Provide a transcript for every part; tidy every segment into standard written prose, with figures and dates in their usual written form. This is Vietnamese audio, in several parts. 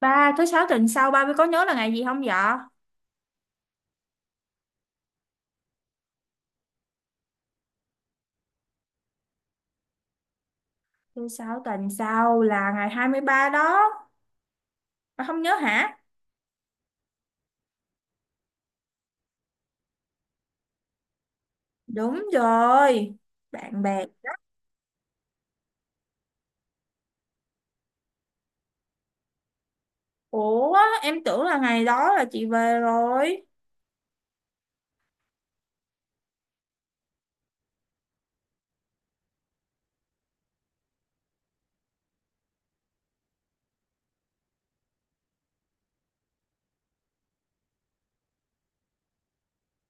Ba, thứ sáu tuần sau ba mới có nhớ là ngày gì không dạ? Thứ sáu tuần sau là ngày 23 đó. Bà không nhớ hả? Đúng rồi. Bạn bè. Ủa, em tưởng là ngày đó là chị về rồi.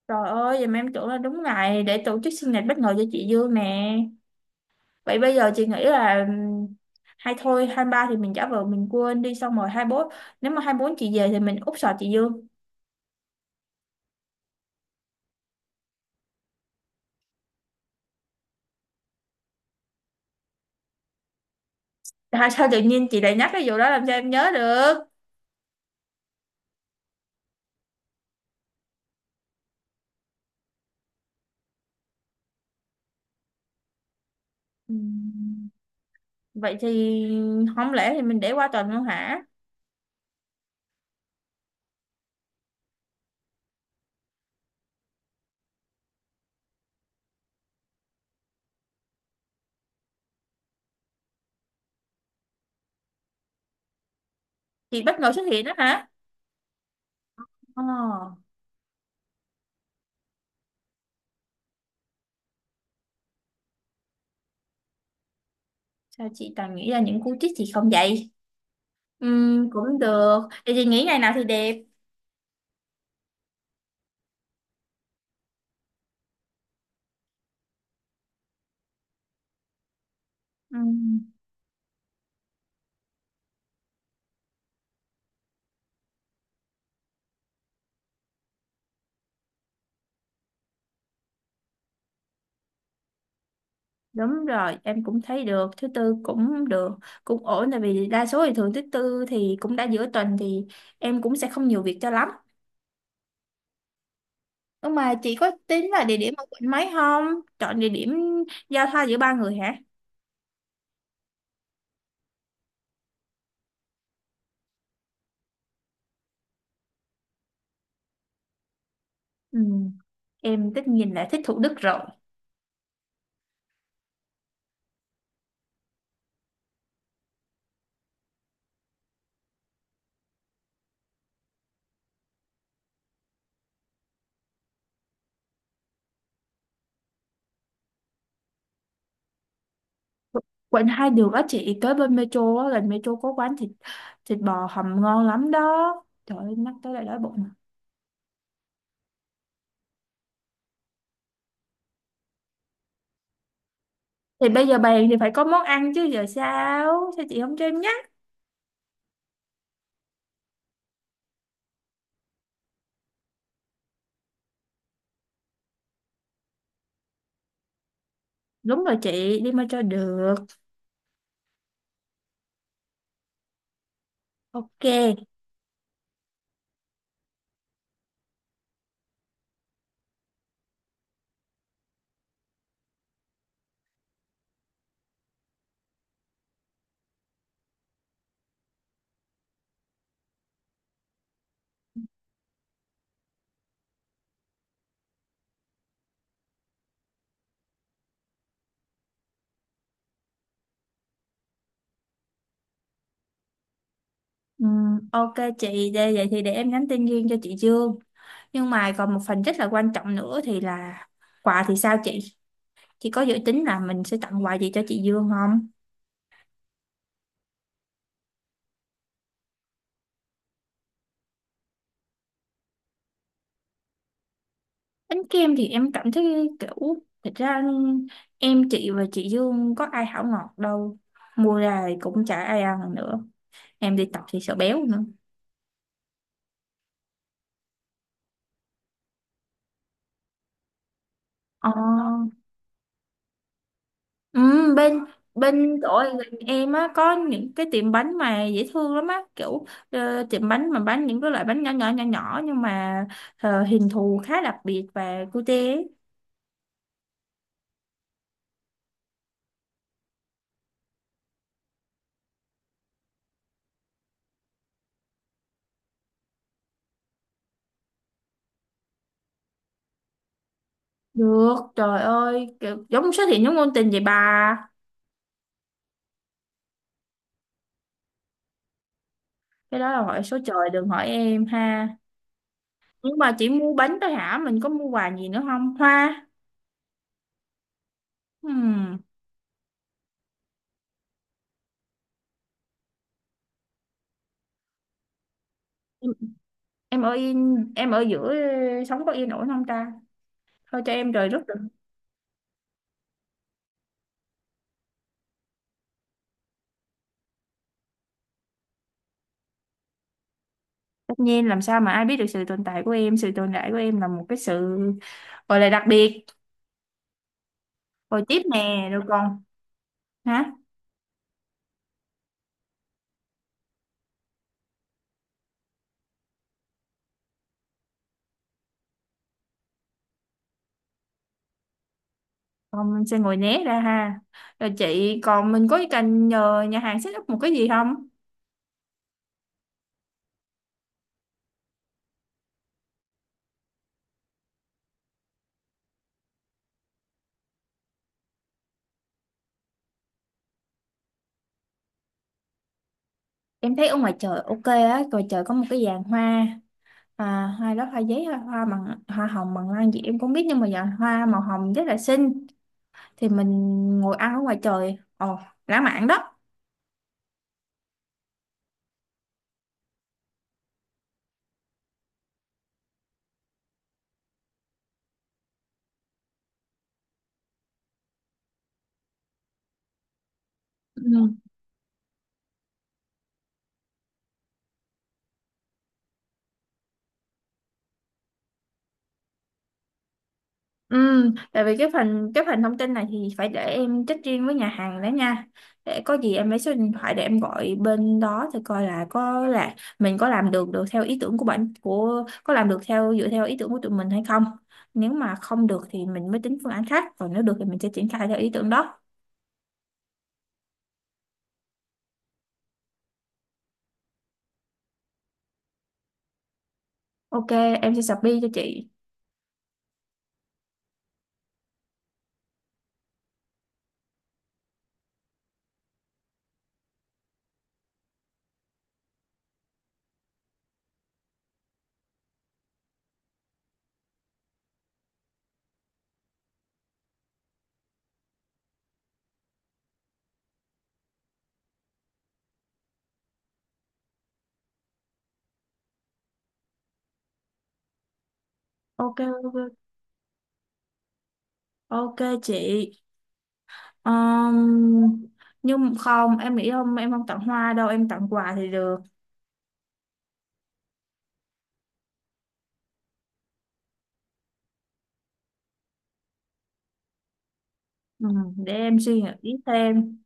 Trời ơi, vậy mà em tưởng là đúng ngày để tổ chức sinh nhật bất ngờ cho chị Dương nè. Vậy bây giờ chị nghĩ là hay thôi 23 thì mình giả vờ mình quên đi, xong rồi 24. Nếu mà 24 chị về thì mình úp sọt chị Dương. Tại sao tự nhiên chị lại nhắc cái vụ đó, làm sao em nhớ được? Ừm. Vậy thì không lẽ thì mình để qua tuần luôn hả? Chị bất ngờ xuất hiện đó hả? Ồ. Sao chị toàn nghĩ ra những cú trích chị không vậy? Cũng được. Vậy chị nghĩ ngày nào thì đẹp? Ừm, đúng rồi, em cũng thấy được. Thứ tư cũng được, cũng ổn. Tại vì đa số thì thường thứ tư thì cũng đã giữa tuần thì em cũng sẽ không nhiều việc cho lắm. Nhưng mà chị có tính là địa điểm ở quận mấy không? Chọn địa điểm giao thoa giữa ba người hả? Ừm, em tất nhiên là thích Thủ Đức rồi. Quận hai đường á, chị tới bên metro á, gần metro có quán thịt thịt bò hầm ngon lắm đó. Trời ơi, nhắc tới lại đói bụng. Thì bây giờ bàn thì phải có món ăn chứ, giờ sao sao chị không cho em nhắc. Đúng rồi chị, đi metro được. Ok. Ok chị đây, vậy thì để em nhắn tin riêng cho chị Dương. Nhưng mà còn một phần rất là quan trọng nữa thì là quà thì sao chị có dự tính là mình sẽ tặng quà gì cho chị Dương không? Bánh kem thì em cảm thấy kiểu, thật ra em, chị và chị Dương có ai hảo ngọt đâu. Mua ra thì cũng chả ai ăn nữa. Em đi tập thì sợ béo nữa. Ờ. Ừ, bên bên chỗ gần em á có những cái tiệm bánh mà dễ thương lắm á, kiểu tiệm bánh mà bán những cái loại bánh nhỏ nhỏ nhỏ nhỏ nhưng mà hình thù khá đặc biệt và cute ấy. Được, trời ơi, kiểu giống xuất hiện giống ngôn tình vậy bà. Cái đó là hỏi số trời, đừng hỏi em ha. Nhưng mà chỉ mua bánh thôi hả, mình có mua quà gì nữa không, hoa? Ừm, em em ở yên, em ở giữa, sống có yên ổn không ta? Thôi cho em rời rút được. Tất nhiên, làm sao mà ai biết được sự tồn tại của em. Sự tồn tại của em là một cái sự gọi là đặc biệt. Rồi tiếp nè, rồi còn. Hả? Còn mình sẽ ngồi né ra ha. Rồi chị, còn mình có cần nhờ nhà hàng set up một cái gì không? Em thấy ở ngoài trời ok á, ngoài trời có một cái giàn hoa. À, hai đó hoa giấy hoa bằng hoa hồng bằng lan gì em cũng biết nhưng mà giờ hoa màu hồng rất là xinh, thì mình ngồi ăn ở ngoài trời, ồ lãng mạn đó. Ừ. Ừ, tại vì cái phần thông tin này thì phải để em check riêng với nhà hàng đó nha. Để có gì em lấy số điện thoại để em gọi bên đó thì coi là có, là mình có làm được được theo ý tưởng của bạn của, có làm được theo, dựa theo ý tưởng của tụi mình hay không. Nếu mà không được thì mình mới tính phương án khác, còn nếu được thì mình sẽ triển khai theo ý tưởng đó. Ok, em sẽ submit cho chị. Ok, ok, ok chị. um, nhưng không, em nghĩ không, em không tặng hoa đâu, em tặng quà thì được. Ừ, để em suy nghĩ thêm.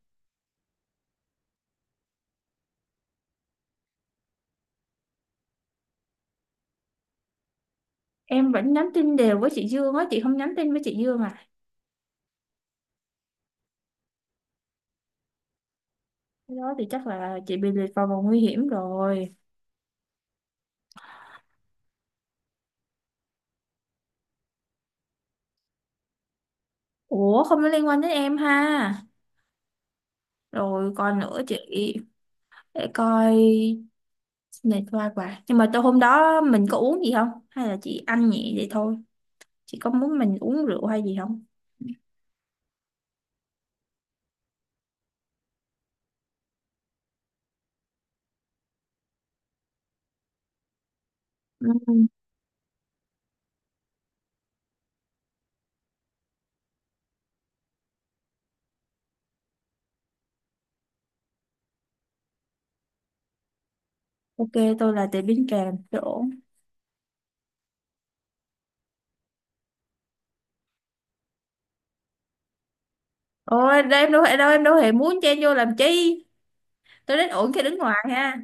Em vẫn nhắn tin đều với chị Dương á, chị không nhắn tin với chị Dương à? Cái đó thì chắc là chị bị liệt vào vòng nguy hiểm rồi. Ủa, không có liên quan đến em ha. Rồi còn nữa chị, để coi, này qua quà, nhưng mà tôi hôm đó mình có uống gì không hay là chị ăn nhẹ vậy thôi, chị có muốn mình uống rượu hay gì không? Ừ. Ok, tôi là tiệm bánh kèm, tôi ổn. Ôi, đây em đâu hề đâu, em đâu hề muốn chen vô làm chi. Tôi đến ổn khi đứng ngoài ha.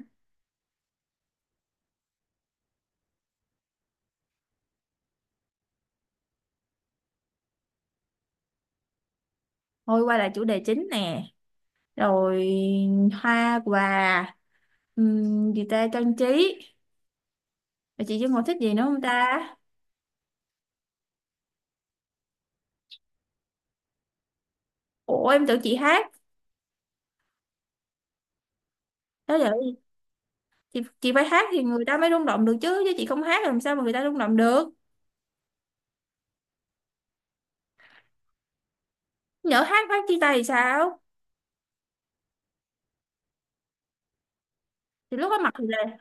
Thôi quay lại chủ đề chính nè. Rồi hoa quà, gì ta trang trí. Rồi chị Dung còn thích gì nữa không ta? Ủa em tưởng chị hát. Đó giờ chị phải hát thì người ta mới rung động được chứ. Chứ chị không hát làm sao mà người ta rung động được. Nhỡ hát phát chia tay thì sao? Thì lúc đó mặc thì là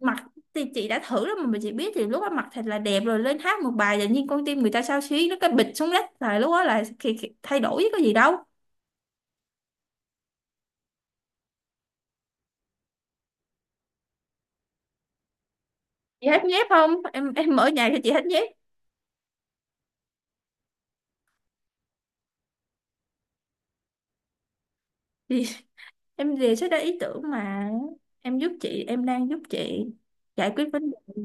mặc thì chị đã thử rồi mà chị biết thì lúc đó mặc thật là đẹp rồi lên hát một bài, tự nhiên con tim người ta xao xuyến, nó cái bịch xuống đất, là lúc đó là khi thay đổi chứ có gì đâu. Chị hát nhép không em? Em ở nhà cho chị hát nhép. Thì em đề xuất ra ý tưởng mà, em giúp chị em đang giúp chị giải quyết vấn đề.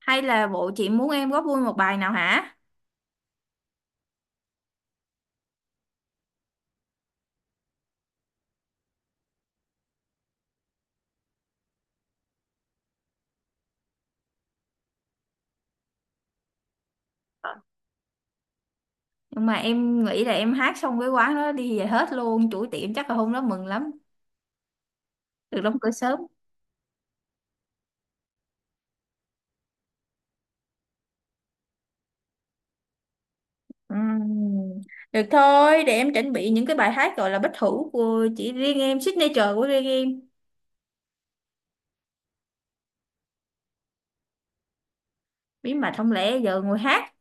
Hay là bộ chị muốn em góp vui một bài nào hả? Nhưng mà em nghĩ là em hát xong cái quán đó đi về hết luôn, chủ tiệm chắc là hôm đó mừng lắm, được đóng cửa sớm. Ừm, Được thôi, để em chuẩn bị những cái bài hát gọi là bất hủ của chỉ riêng em, signature của riêng em. Bí mật, không lẽ giờ ngồi hát?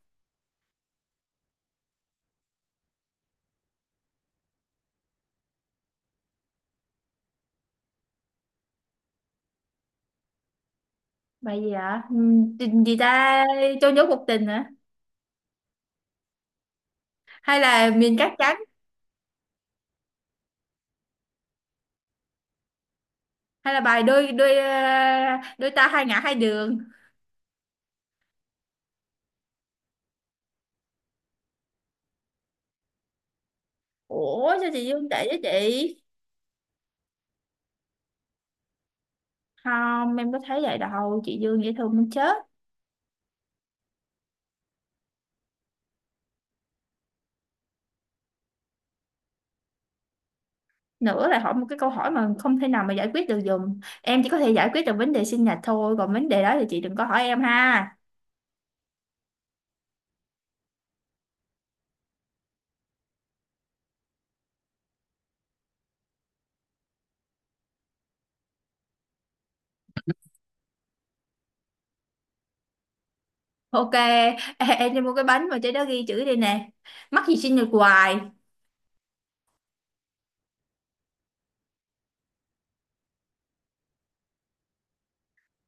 Bài gì ạ? Tình gì ta, cho nhốt một tình hả? Hay là miền cát trắng? Hay là bài đôi đôi ờ, đôi ta hai ngả hai đường? Ủa sao chị Dương tệ với chị? Không, em có thấy vậy đâu, chị Dương dễ thương muốn chết. Nữa là hỏi một cái câu hỏi mà không thể nào mà giải quyết được dùm. Em chỉ có thể giải quyết được vấn đề sinh nhật thôi, còn vấn đề đó thì chị đừng có hỏi em ha. Ok, ê, em đi mua cái bánh mà trên đó ghi chữ đây nè. Mắc gì xin được hoài.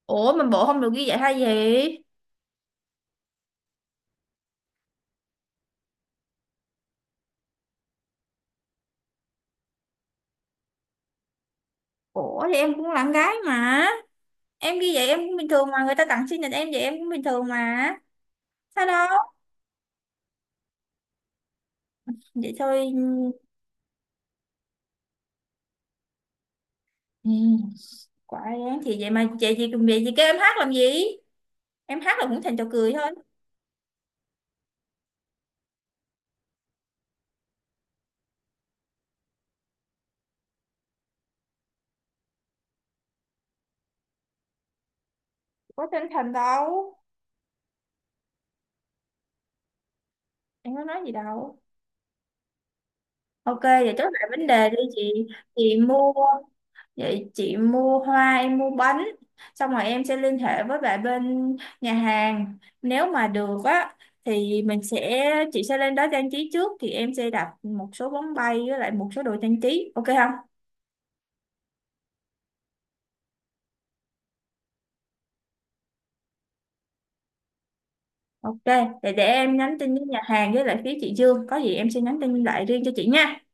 Ủa mà bộ không được ghi vậy hay gì? Ủa thì em cũng là con gái mà. Em ghi vậy em cũng bình thường mà. Người ta tặng sinh nhật em vậy em cũng bình thường mà. Sao đâu? Vậy thôi. Ừ, quả đáng thì vậy mà chị gì cùng vậy gì? Kêu em hát làm gì? Em hát là cũng thành trò cười thôi. Có chân thành đâu. Em có nói gì đâu. Ok, vậy chốt lại vấn đề đi chị. Chị mua Vậy chị mua hoa, em mua bánh. Xong rồi em sẽ liên hệ với lại bên nhà hàng. Nếu mà được á thì mình sẽ chị sẽ lên đó trang trí trước thì em sẽ đặt một số bóng bay với lại một số đồ trang trí. Ok không? Ok, để em nhắn tin với nhà hàng với lại phía chị Dương, có gì em sẽ nhắn tin lại riêng cho chị nha.